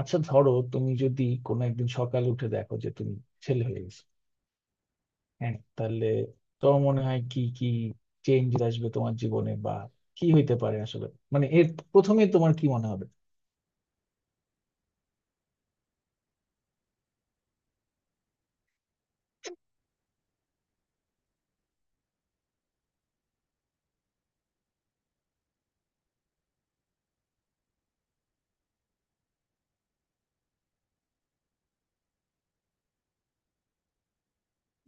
আচ্ছা, ধরো তুমি যদি কোনো একদিন সকালে উঠে দেখো যে তুমি ছেলে হয়ে গেছো। হ্যাঁ, তাহলে তোমার মনে হয় কি কি চেঞ্জ আসবে তোমার জীবনে, বা কি হইতে পারে আসলে? মানে এর প্রথমে তোমার কি মনে হবে?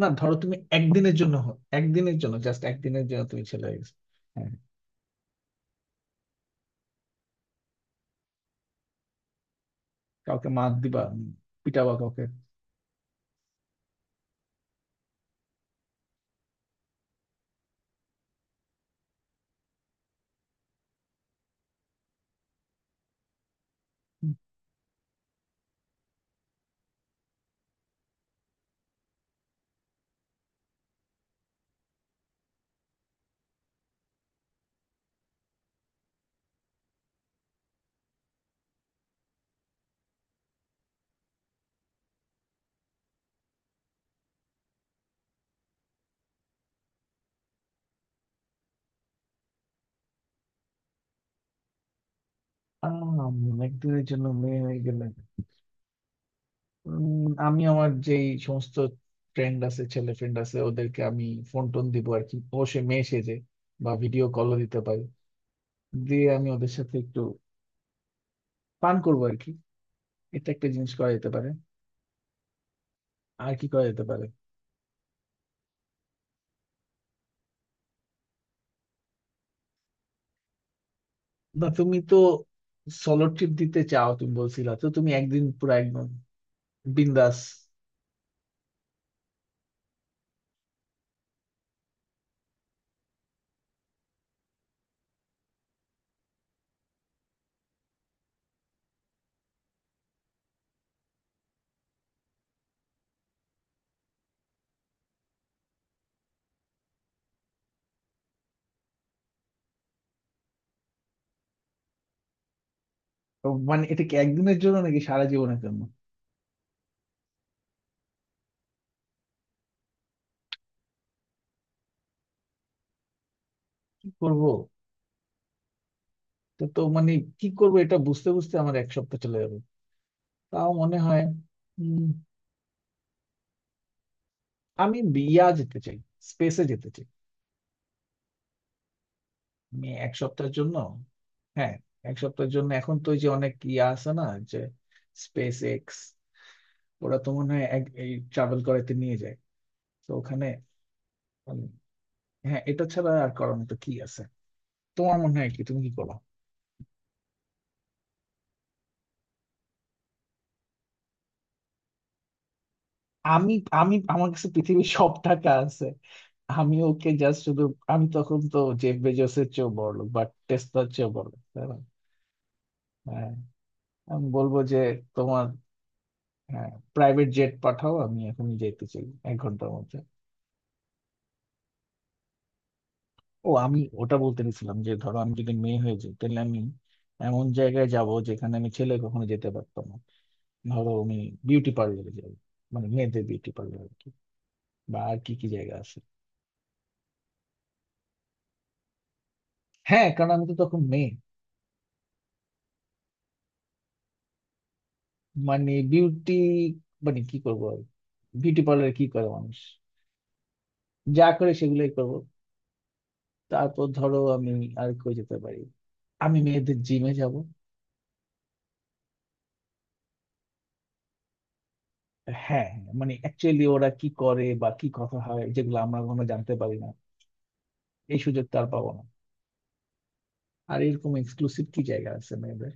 না ধরো তুমি একদিনের জন্য একদিনের জন্য, জাস্ট একদিনের জন্য তুমি ছেলে হয়ে গেছো। হ্যাঁ, কাউকে মার দিবা? পিটাবা কাউকে? আম, একদিনের জন্য মেয়ে হয়ে গেলে আমি আমার যে এই সমস্ত ফ্রেন্ড আছে, ছেলে ফ্রেন্ড আছে, ওদেরকে আমি ফোন টোন দিব আর কি, অবশ্যই মেয়ে সেজে। বা ভিডিও কলও দিতে পারি, দিয়ে আমি ওদের সাথে একটু পান করবো আর কি। এটা একটা জিনিস করা যেতে পারে। আর কি করা যেতে পারে? না তুমি তো সলো ট্রিপ দিতে চাও, তুমি বলছিলা তো, তুমি একদিন পুরো একদম বিন্দাস। তো মানে এটা কি একদিনের জন্য নাকি সারা জীবনের জন্য? কি করবো? তো তো মানে কি করবো এটা বুঝতে বুঝতে আমার এক সপ্তাহ চলে যাবে তাও মনে হয়। আমি বিয়া যেতে চাই, স্পেসে যেতে চাই, আমি এক সপ্তাহের জন্য। হ্যাঁ, এক সপ্তাহের জন্য। এখন তো ওই যে অনেক ইয়ে আছে না, যে স্পেস এক্স, ওরা তো মনে হয় এই ট্রাভেল করাতে নিয়ে যায়। তো ওখানে, উম, হ্যাঁ, এটা ছাড়া আর করার মতো কি আছে? তোমার মনে হয় কি, তুমি কি করো? আমি আমি আমার কাছে পৃথিবীর সব টাকা আছে, আমি ওকে জাস্ট শুধু, আমি তখন তো জেফ বেজোসের চেয়েও বড় লোক, বা টেসলার চেয়েও বড় লোক, তাই না? হ্যাঁ, আমি বলবো যে তোমার, হ্যাঁ, প্রাইভেট জেট পাঠাও, আমি এখনই যাইতে চাই এক ঘন্টার মধ্যে। ও আমি ওটা বলতে গেছিলাম যে ধরো আমি যদি মেয়ে হয়ে যাই তাহলে আমি এমন জায়গায় যাব যেখানে আমি ছেলে কখনো যেতে পারতাম না। ধরো আমি বিউটি পার্লারে যাবো, মানে মেয়েদের বিউটি পার্লার আর কি। বা আর কি কি জায়গা আছে? হ্যাঁ, কারণ আমি তো তখন মেয়ে। মানে বিউটি, মানে কি করবো আর, বিউটি পার্লারে কি করে মানুষ, যা করে সেগুলোই করবো। তারপর ধরো আমি আর কই যেতে পারি? আমি মেয়েদের জিমে যাব। হ্যাঁ, মানে অ্যাকচুয়ালি ওরা কি করে বা কি কথা হয়, যেগুলো আমরা কোনো জানতে পারি না, এই সুযোগটা আর পাবো না। আর এরকম এক্সক্লুসিভ কি জায়গা আছে মেয়েদের?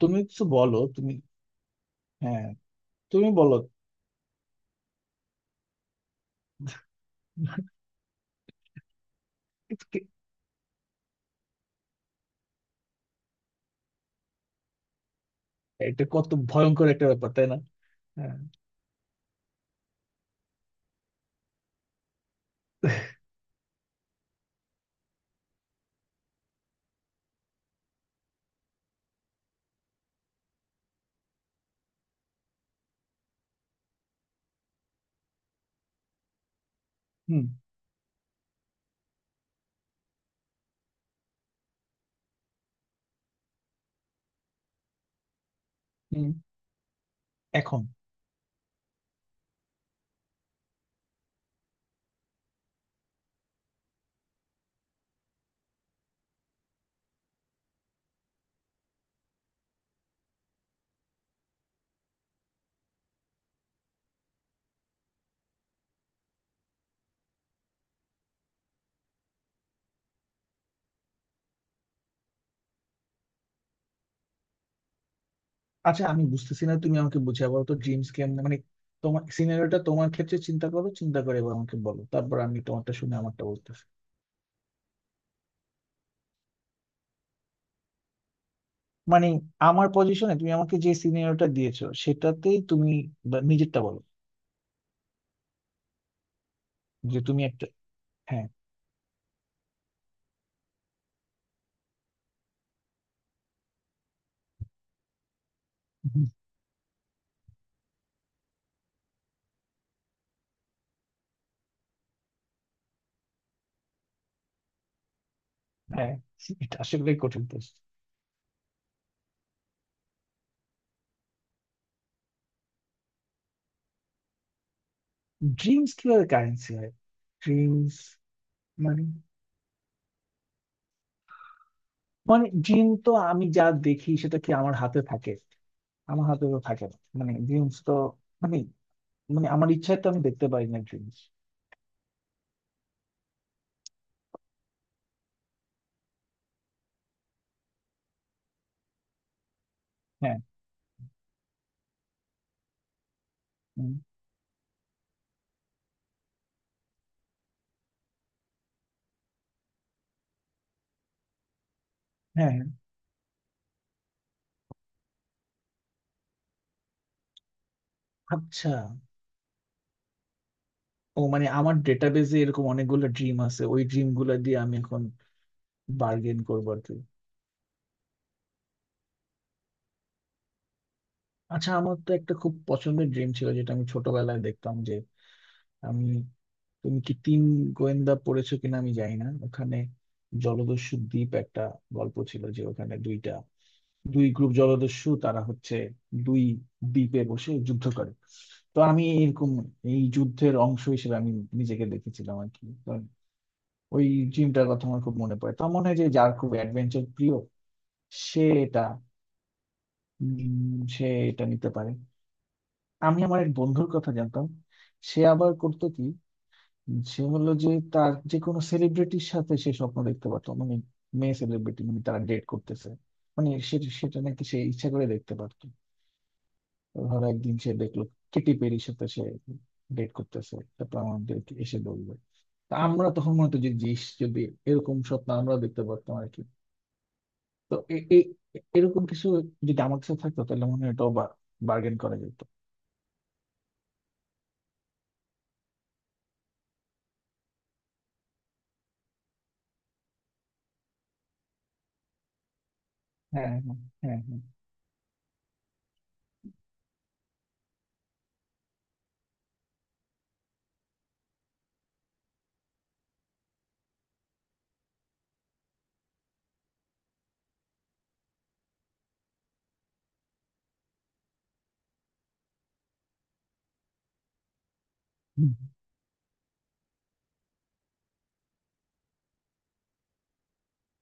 তুমি কিছু বলো, তুমি। হ্যাঁ, তুমি বলো। It's কি- এটা কত ভয়ঙ্কর একটা ব্যাপার, তাই না? হ্যাঁ। হুম হুম এখন আচ্ছা আমি বুঝতেছি না, তুমি আমাকে বুঝিয়ে বলো তো ড্রিমস কেমন, মানে তোমার সিনারিওটা তোমার ক্ষেত্রে চিন্তা করো, চিন্তা করে এবার আমাকে বলো, তারপর আমি তোমারটা শুনে আমারটা বলতেছি। মানে আমার পজিশনে তুমি আমাকে যে সিনারিওটা দিয়েছো সেটাতেই তুমি বা নিজেরটা বলো, যে তুমি একটা। হ্যাঁ হ্যাঁ। এটা আসলে কঠিন প্রশ্ন। ড্রিমস কিভাবে কারেন্সি হয়? ড্রিমস, মানে, মানে ড্রিম তো আমি যা দেখি সেটা কি আমার হাতে থাকে? আমার হাতে তো থাকে না, মানে ড্রিমস তো, মানে, মানে আমার ইচ্ছায় তো আমি দেখতে পারি না ড্রিমস। হ্যাঁ, উম, হ্যাঁ হ্যাঁ। আচ্ছা। ও মানে আমার ডেটাবেজে এরকম অনেকগুলো ড্রিম আছে, ওই ড্রিম গুলা দিয়ে আমি এখন বার্গেন করবো আর কি। আচ্ছা আমার তো একটা খুব পছন্দের ড্রিম ছিল, যেটা আমি ছোটবেলায় দেখতাম, যে আমি, তুমি কি তিন গোয়েন্দা পড়েছো কিনা আমি জানি না, ওখানে জলদস্যু দ্বীপ একটা গল্প ছিল, যে ওখানে দুইটা দুই গ্রুপ জলদস্যু, তারা হচ্ছে দুই দ্বীপে বসে যুদ্ধ করে। তো আমি এরকম এই যুদ্ধের অংশ হিসেবে আমি নিজেকে দেখেছিলাম আর কি। তো ওই জিমটার কথা আমার খুব মনে পড়ে, তো মনে হয় যে যার খুব অ্যাডভেঞ্চার প্রিয় সে এটা, সে এটা নিতে পারে। আমি আমার এক বন্ধুর কথা জানতাম, সে আবার করতো কি, সে হলো যে তার যে কোনো সেলিব্রিটির সাথে সে স্বপ্ন দেখতে পারতো, মানে মেয়ে সেলিব্রিটি, মানে তারা ডেট করতেছে, মানে সেটা নাকি সে ইচ্ছা করে দেখতে পারতো। ধরো একদিন সে দেখলো কেটি পেরির সাথে সে ডেট করতেছে, তারপর আমাদেরকে এসে বলবে। তা আমরা তখন মনে হতো যে জিস যদি এরকম স্বপ্ন আমরা দেখতে পারতাম আর কি। তো এরকম কিছু যদি আমার কাছে থাকতো তাহলে মনে হয় এটাও বার্গেন করা যেত। হ্যাঁ, হ্যাঁ হ্যাঁ, হ্যাঁ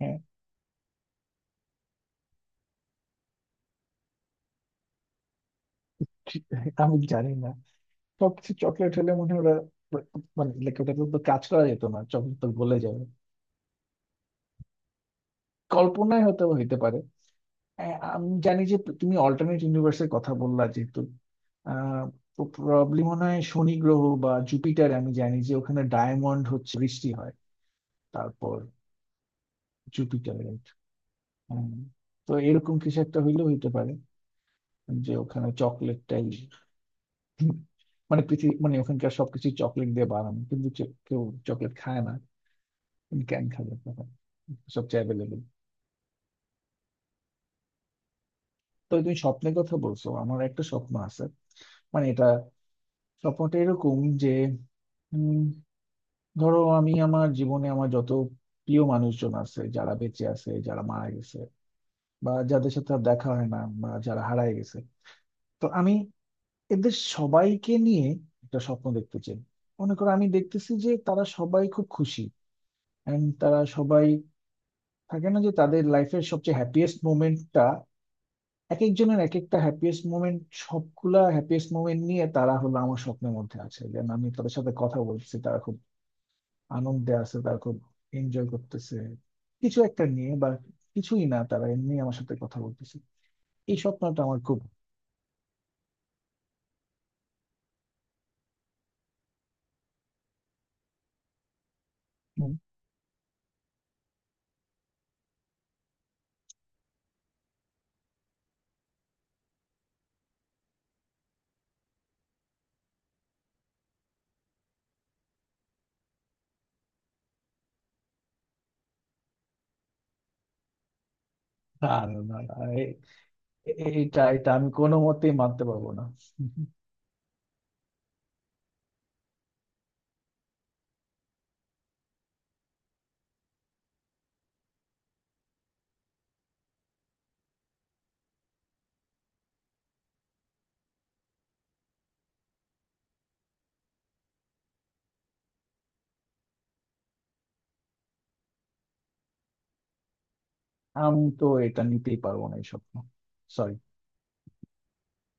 হ্যাঁ। ঠিক- আমি জানি না, সবকিছু চকলেট হলে মনে হয় ওরা, মানে like ওটা তো কাজ করা যেত না, চকলেট তো গলে যাবে। কল্পনায় হয়তো হইতে পারে। আ- আমি জানি যে তুমি অল্টারনেট ইউনিভার্সের কথা বললা যেহেতু, আহ প্রবলেম মনে হয় শনি গ্রহ বা জুপিটার, আমি জানি যে ওখানে ডায়মন্ড হচ্ছে বৃষ্টি হয়। তারপর জুপিটার, তো এরকম কিছু একটা হইলেও হইতে পারে, যে ওখানে চকলেটটাই, মানে পৃথিবী, মানে ওখানকার সবকিছু চকলেট দিয়ে বানানো, কিন্তু কেউ চকলেট খায় না। তুমি ক্যান খাবে তখন, সবচেয়ে অ্যাভেলেবেল। তো তুমি স্বপ্নের কথা বলছো, আমার একটা স্বপ্ন আছে। মানে এটা, স্বপ্নটা এরকম যে, উম, ধরো আমি আমার জীবনে আমার যত প্রিয় মানুষজন আছে, যারা বেঁচে আছে, যারা মারা গেছে, বা যাদের সাথে আর দেখা হয় না, বা যারা হারায় গেছে, তো আমি এদের সবাইকে নিয়ে একটা স্বপ্ন দেখতে চাই। মনে করো আমি দেখতেছি যে তারা সবাই খুব খুশি, এন্ড তারা সবাই, থাকে না যে তাদের লাইফের সবচেয়ে হ্যাপিয়েস্ট মোমেন্টটা, এক একজনের এক একটা হ্যাপিয়েস্ট মোমেন্ট, সবগুলা হ্যাপিয়েস্ট মোমেন্ট নিয়ে তারা হলো আমার স্বপ্নের মধ্যে আছে, যেন আমি তাদের সাথে কথা বলছি, তারা খুব আনন্দে আছে, তারা খুব এনজয় করতেছে কিছু একটা নিয়ে, বা কিছুই না, তারা এমনি আমার সাথে কথা বলতেছে। এই স্বপ্নটা আমার খুব দারুণ আর, এ- এটা এটা আমি কোনো মতেই মানতে পারবো না। আমি তো এটা নিতেই পারবো না এই স্বপ্ন। সরি।